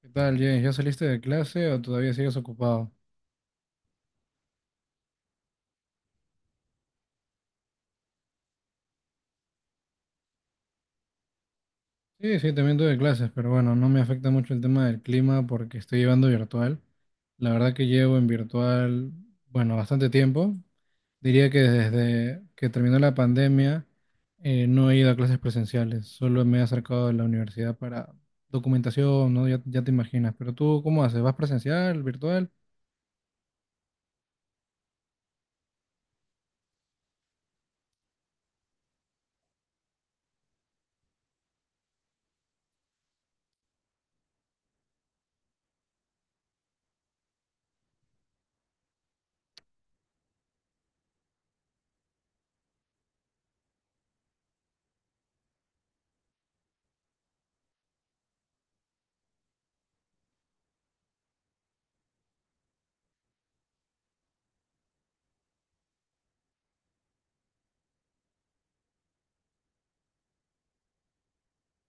¿Qué tal, James? ¿Ya saliste de clase o todavía sigues ocupado? Sí, sí, también tuve clases, pero bueno, no me afecta mucho el tema del clima porque estoy llevando virtual. La verdad que llevo en virtual, bueno, bastante tiempo. Diría que desde que terminó la pandemia no he ido a clases presenciales, solo me he acercado a la universidad para documentación, ¿no? Ya, ya te imaginas. Pero tú, ¿cómo haces? ¿Vas presencial, virtual?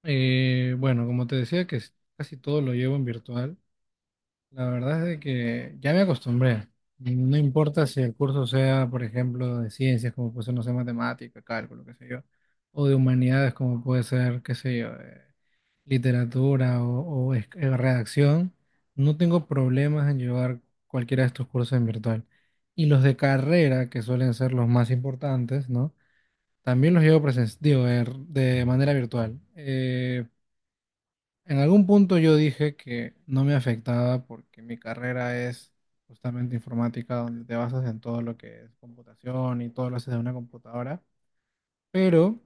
Bueno, como te decía, casi todo lo llevo en virtual. La verdad es de que ya me acostumbré. No importa si el curso sea, por ejemplo, de ciencias, como puede ser, no sé, matemática, cálculo, qué sé yo, o de humanidades, como puede ser, qué sé yo, literatura redacción, no tengo problemas en llevar cualquiera de estos cursos en virtual. Y los de carrera, que suelen ser los más importantes, ¿no? También los llevo digo, de manera virtual. En algún punto yo dije que no me afectaba porque mi carrera es justamente informática, donde te basas en todo lo que es computación y todo lo haces de una computadora, pero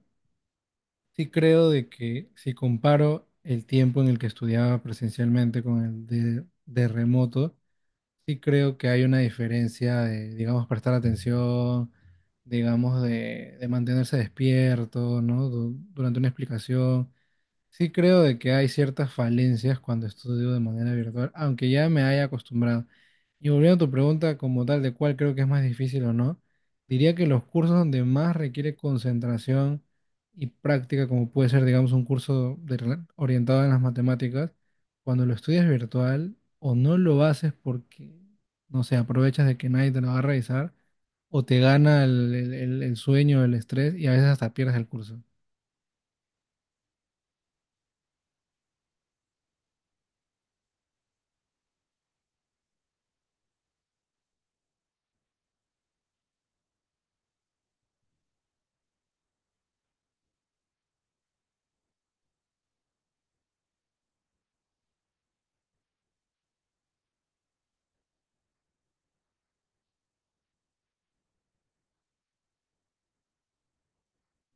sí creo de que si comparo el tiempo en el que estudiaba presencialmente con el de remoto, sí creo que hay una diferencia de, digamos, prestar atención, digamos, de mantenerse despierto, ¿no? Durante una explicación. Sí creo de que hay ciertas falencias cuando estudio de manera virtual, aunque ya me haya acostumbrado. Y volviendo a tu pregunta como tal de cuál creo que es más difícil o no, diría que los cursos donde más requiere concentración y práctica, como puede ser, digamos, un curso de orientado en las matemáticas, cuando lo estudias virtual o no lo haces porque, no sé, aprovechas de que nadie te lo va a revisar, o te gana el sueño, el estrés y a veces hasta pierdes el curso.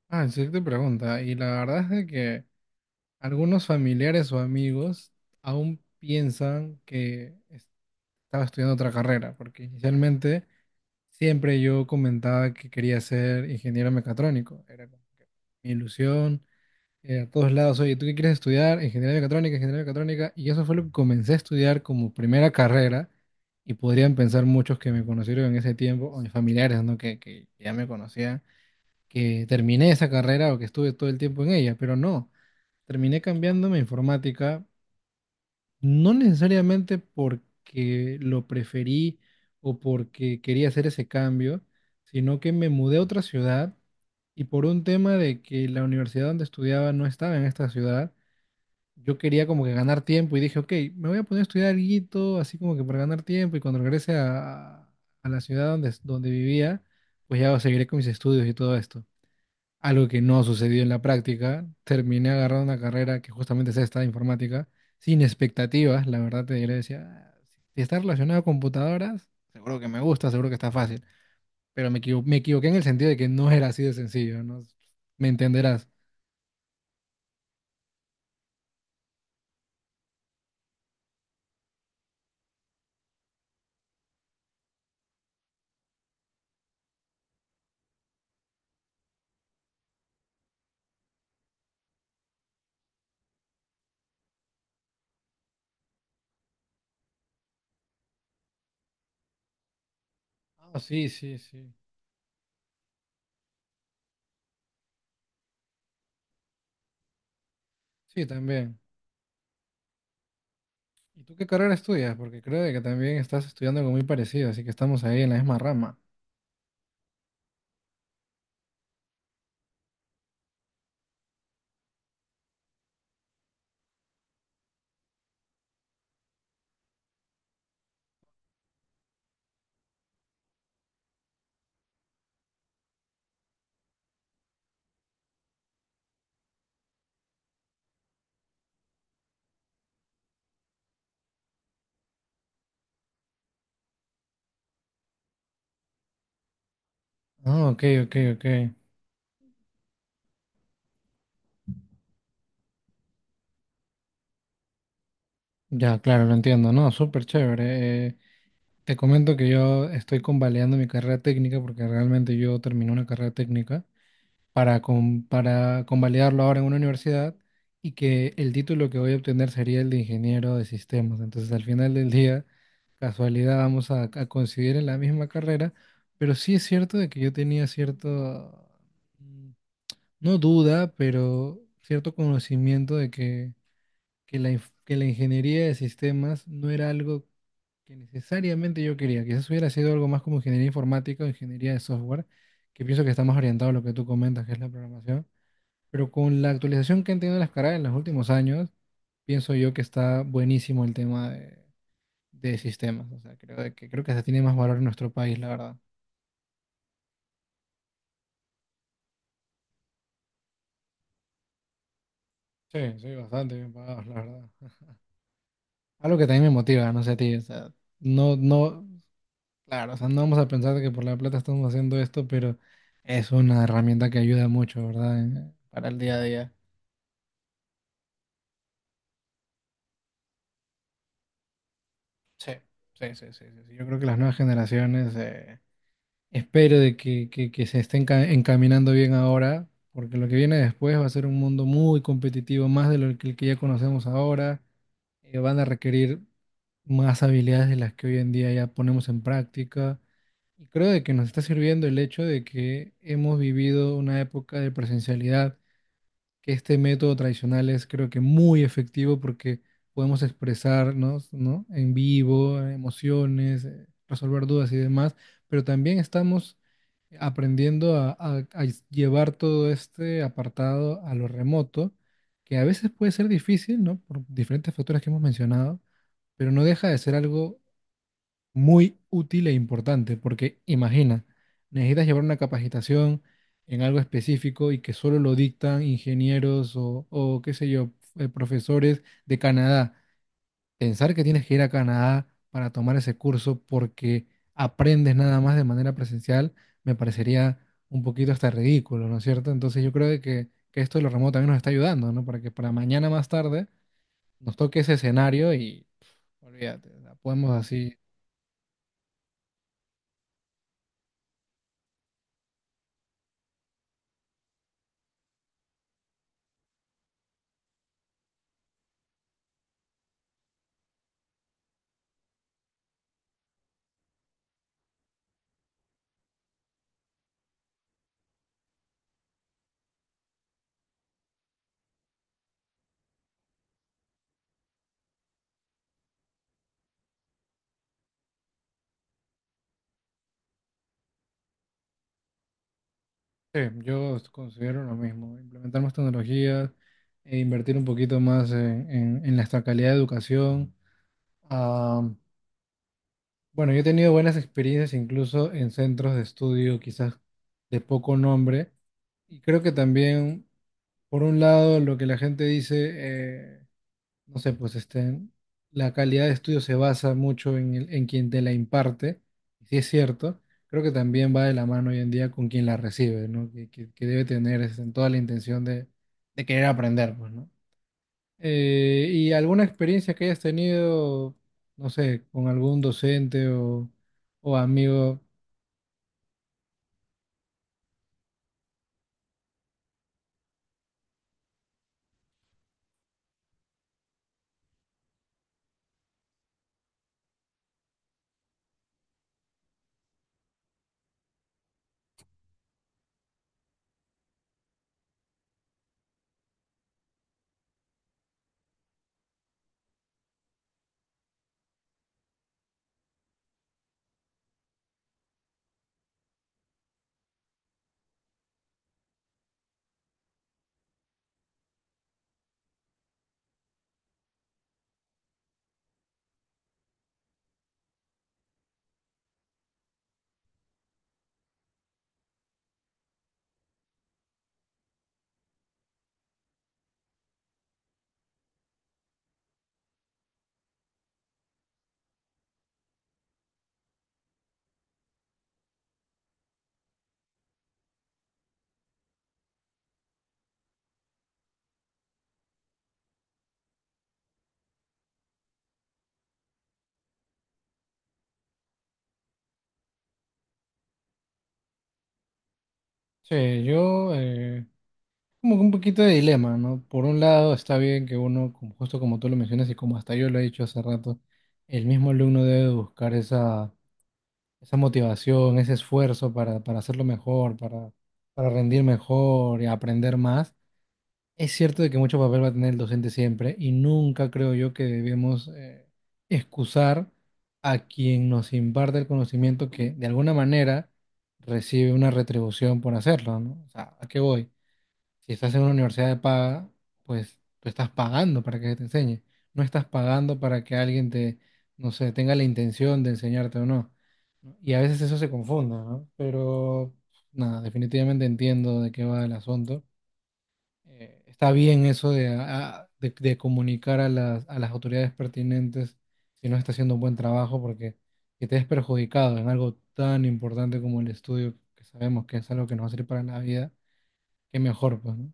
Ah, sí te pregunta. Y la verdad es de que algunos familiares o amigos aún piensan que estaba estudiando otra carrera, porque inicialmente siempre yo comentaba que quería ser ingeniero mecatrónico. Era como que mi ilusión, a todos lados, oye, ¿tú qué quieres estudiar? Ingeniería mecatrónica, ingeniería mecatrónica. Y eso fue lo que comencé a estudiar como primera carrera. Y podrían pensar muchos que me conocieron en ese tiempo, o mis familiares, ¿no? Que ya me conocían, que terminé esa carrera o que estuve todo el tiempo en ella, pero no, terminé cambiándome a informática, no necesariamente porque lo preferí o porque quería hacer ese cambio, sino que me mudé a otra ciudad y por un tema de que la universidad donde estudiaba no estaba en esta ciudad, yo quería como que ganar tiempo y dije, ok, me voy a poner a estudiar algo, así como que para ganar tiempo y cuando regrese a la ciudad donde vivía, pues ya seguiré con mis estudios y todo esto algo que no sucedió en la práctica. Terminé agarrando una carrera que justamente es esta, informática, sin expectativas, la verdad te diré, decía: "Ah, si está relacionado a computadoras, seguro que me gusta, seguro que está fácil, pero me equivoqué en el sentido de que no era así de sencillo, ¿no? Me entenderás". Ah, sí, sí, sí. Sí, también. ¿Y tú qué carrera estudias? Porque creo de que también estás estudiando algo muy parecido, así que estamos ahí en la misma rama. Ah, ok, ok, ok. Ya, claro, lo entiendo, ¿no? Súper chévere. Te comento que yo estoy convalidando mi carrera técnica porque realmente yo terminé una carrera técnica para, para convalidarlo ahora en una universidad y que el título que voy a obtener sería el de ingeniero de sistemas. Entonces al final del día, casualidad, vamos a coincidir en la misma carrera, pero sí es cierto de que yo tenía cierto, mm, no duda, pero cierto conocimiento de que que la ingeniería de sistemas no era algo que necesariamente yo quería. Quizás hubiera sido algo más como ingeniería informática o ingeniería de software, que pienso que está más orientado a lo que tú comentas, que es la programación. Pero con la actualización que han tenido las carreras en los últimos años, pienso yo que está buenísimo el tema de sistemas. O sea, creo que se tiene más valor en nuestro país, la verdad. Sí, sí, bastante bien pagados, la verdad. Algo que también me motiva, no sé a ti, o sea, no, no. Claro, o sea, no vamos a pensar que por la plata estamos haciendo esto, pero es una herramienta que ayuda mucho, ¿verdad? Para el día a día. Sí, sí, sí, sí, sí, sí. Yo creo que las nuevas generaciones, espero de que, que se estén encaminando bien ahora, porque lo que viene después va a ser un mundo muy competitivo, más de el que ya conocemos ahora. Van a requerir más habilidades de las que hoy en día ya ponemos en práctica. Y creo de que nos está sirviendo el hecho de que hemos vivido una época de presencialidad, que este método tradicional es, creo que, muy efectivo porque podemos expresarnos, ¿no? En vivo, emociones, resolver dudas y demás, pero también estamos aprendiendo a llevar todo este apartado a lo remoto, que a veces puede ser difícil, ¿no? Por diferentes factores que hemos mencionado, pero no deja de ser algo muy útil e importante, porque imagina, necesitas llevar una capacitación en algo específico y que solo lo dictan ingenieros o qué sé yo, profesores de Canadá. Pensar que tienes que ir a Canadá para tomar ese curso porque aprendes nada más de manera presencial me parecería un poquito hasta ridículo, ¿no es cierto? Entonces yo creo de que esto de lo remoto también nos está ayudando, ¿no? Para que para mañana más tarde nos toque ese escenario y olvídate, la podemos así. Sí, yo considero lo mismo, implementar más tecnologías e invertir un poquito más en nuestra calidad de educación. Ah, bueno, yo he tenido buenas experiencias incluso en centros de estudio quizás de poco nombre y creo que también, por un lado, lo que la gente dice, no sé, pues este, la calidad de estudio se basa mucho en quien te la imparte, y si es cierto, creo que también va de la mano hoy en día con quien la recibe, ¿no? Que debe tener este, toda la intención de, querer aprender, pues, ¿no? ¿Y alguna experiencia que hayas tenido, no sé, con algún docente o amigo? Sí, yo. Como que un poquito de dilema, ¿no? Por un lado, está bien que uno, como- justo como tú lo mencionas y como hasta yo lo he dicho hace rato, el mismo alumno debe buscar esa motivación, ese esfuerzo para, hacerlo mejor, para rendir mejor y aprender más. Es cierto de que mucho papel va a tener el docente siempre y nunca creo yo que debemos, excusar a quien nos imparte el conocimiento que de alguna manera recibe una retribución por hacerlo, ¿no? O sea, ¿a qué voy? Si estás en una universidad de paga, pues tú estás pagando para que te enseñe. No estás pagando para que alguien te, no sé, tenga la intención de enseñarte o no. ¿No? Y a veces eso se confunda, ¿no? Pero nada, definitivamente entiendo de qué va el asunto. Está bien eso de comunicar a las autoridades pertinentes si no está haciendo un buen trabajo, porque que te es perjudicado en algo tan importante como el estudio, que sabemos que es algo que nos va a servir para la vida, qué mejor, pues, ¿no?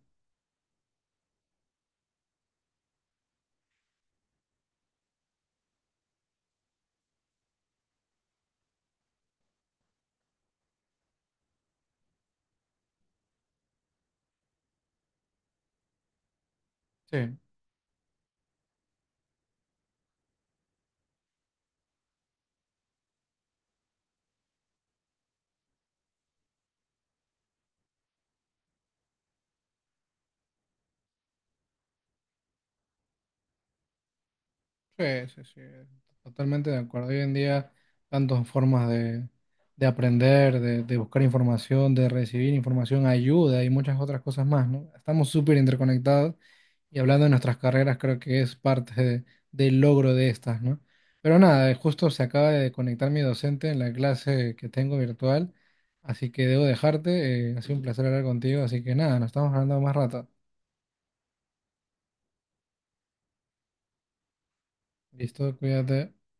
Sí. Sí, sí, sí, totalmente de acuerdo. Hoy en día, tantas formas de, aprender, de buscar información, de recibir información, ayuda y muchas otras cosas más, ¿no? Estamos súper interconectados y hablando de nuestras carreras, creo que es parte del logro de estas, ¿no? Pero nada, justo se acaba de conectar mi docente en la clase que tengo virtual, así que debo dejarte. Ha sido un placer hablar contigo, así que nada, nos estamos hablando más rato. Listo, cuídate.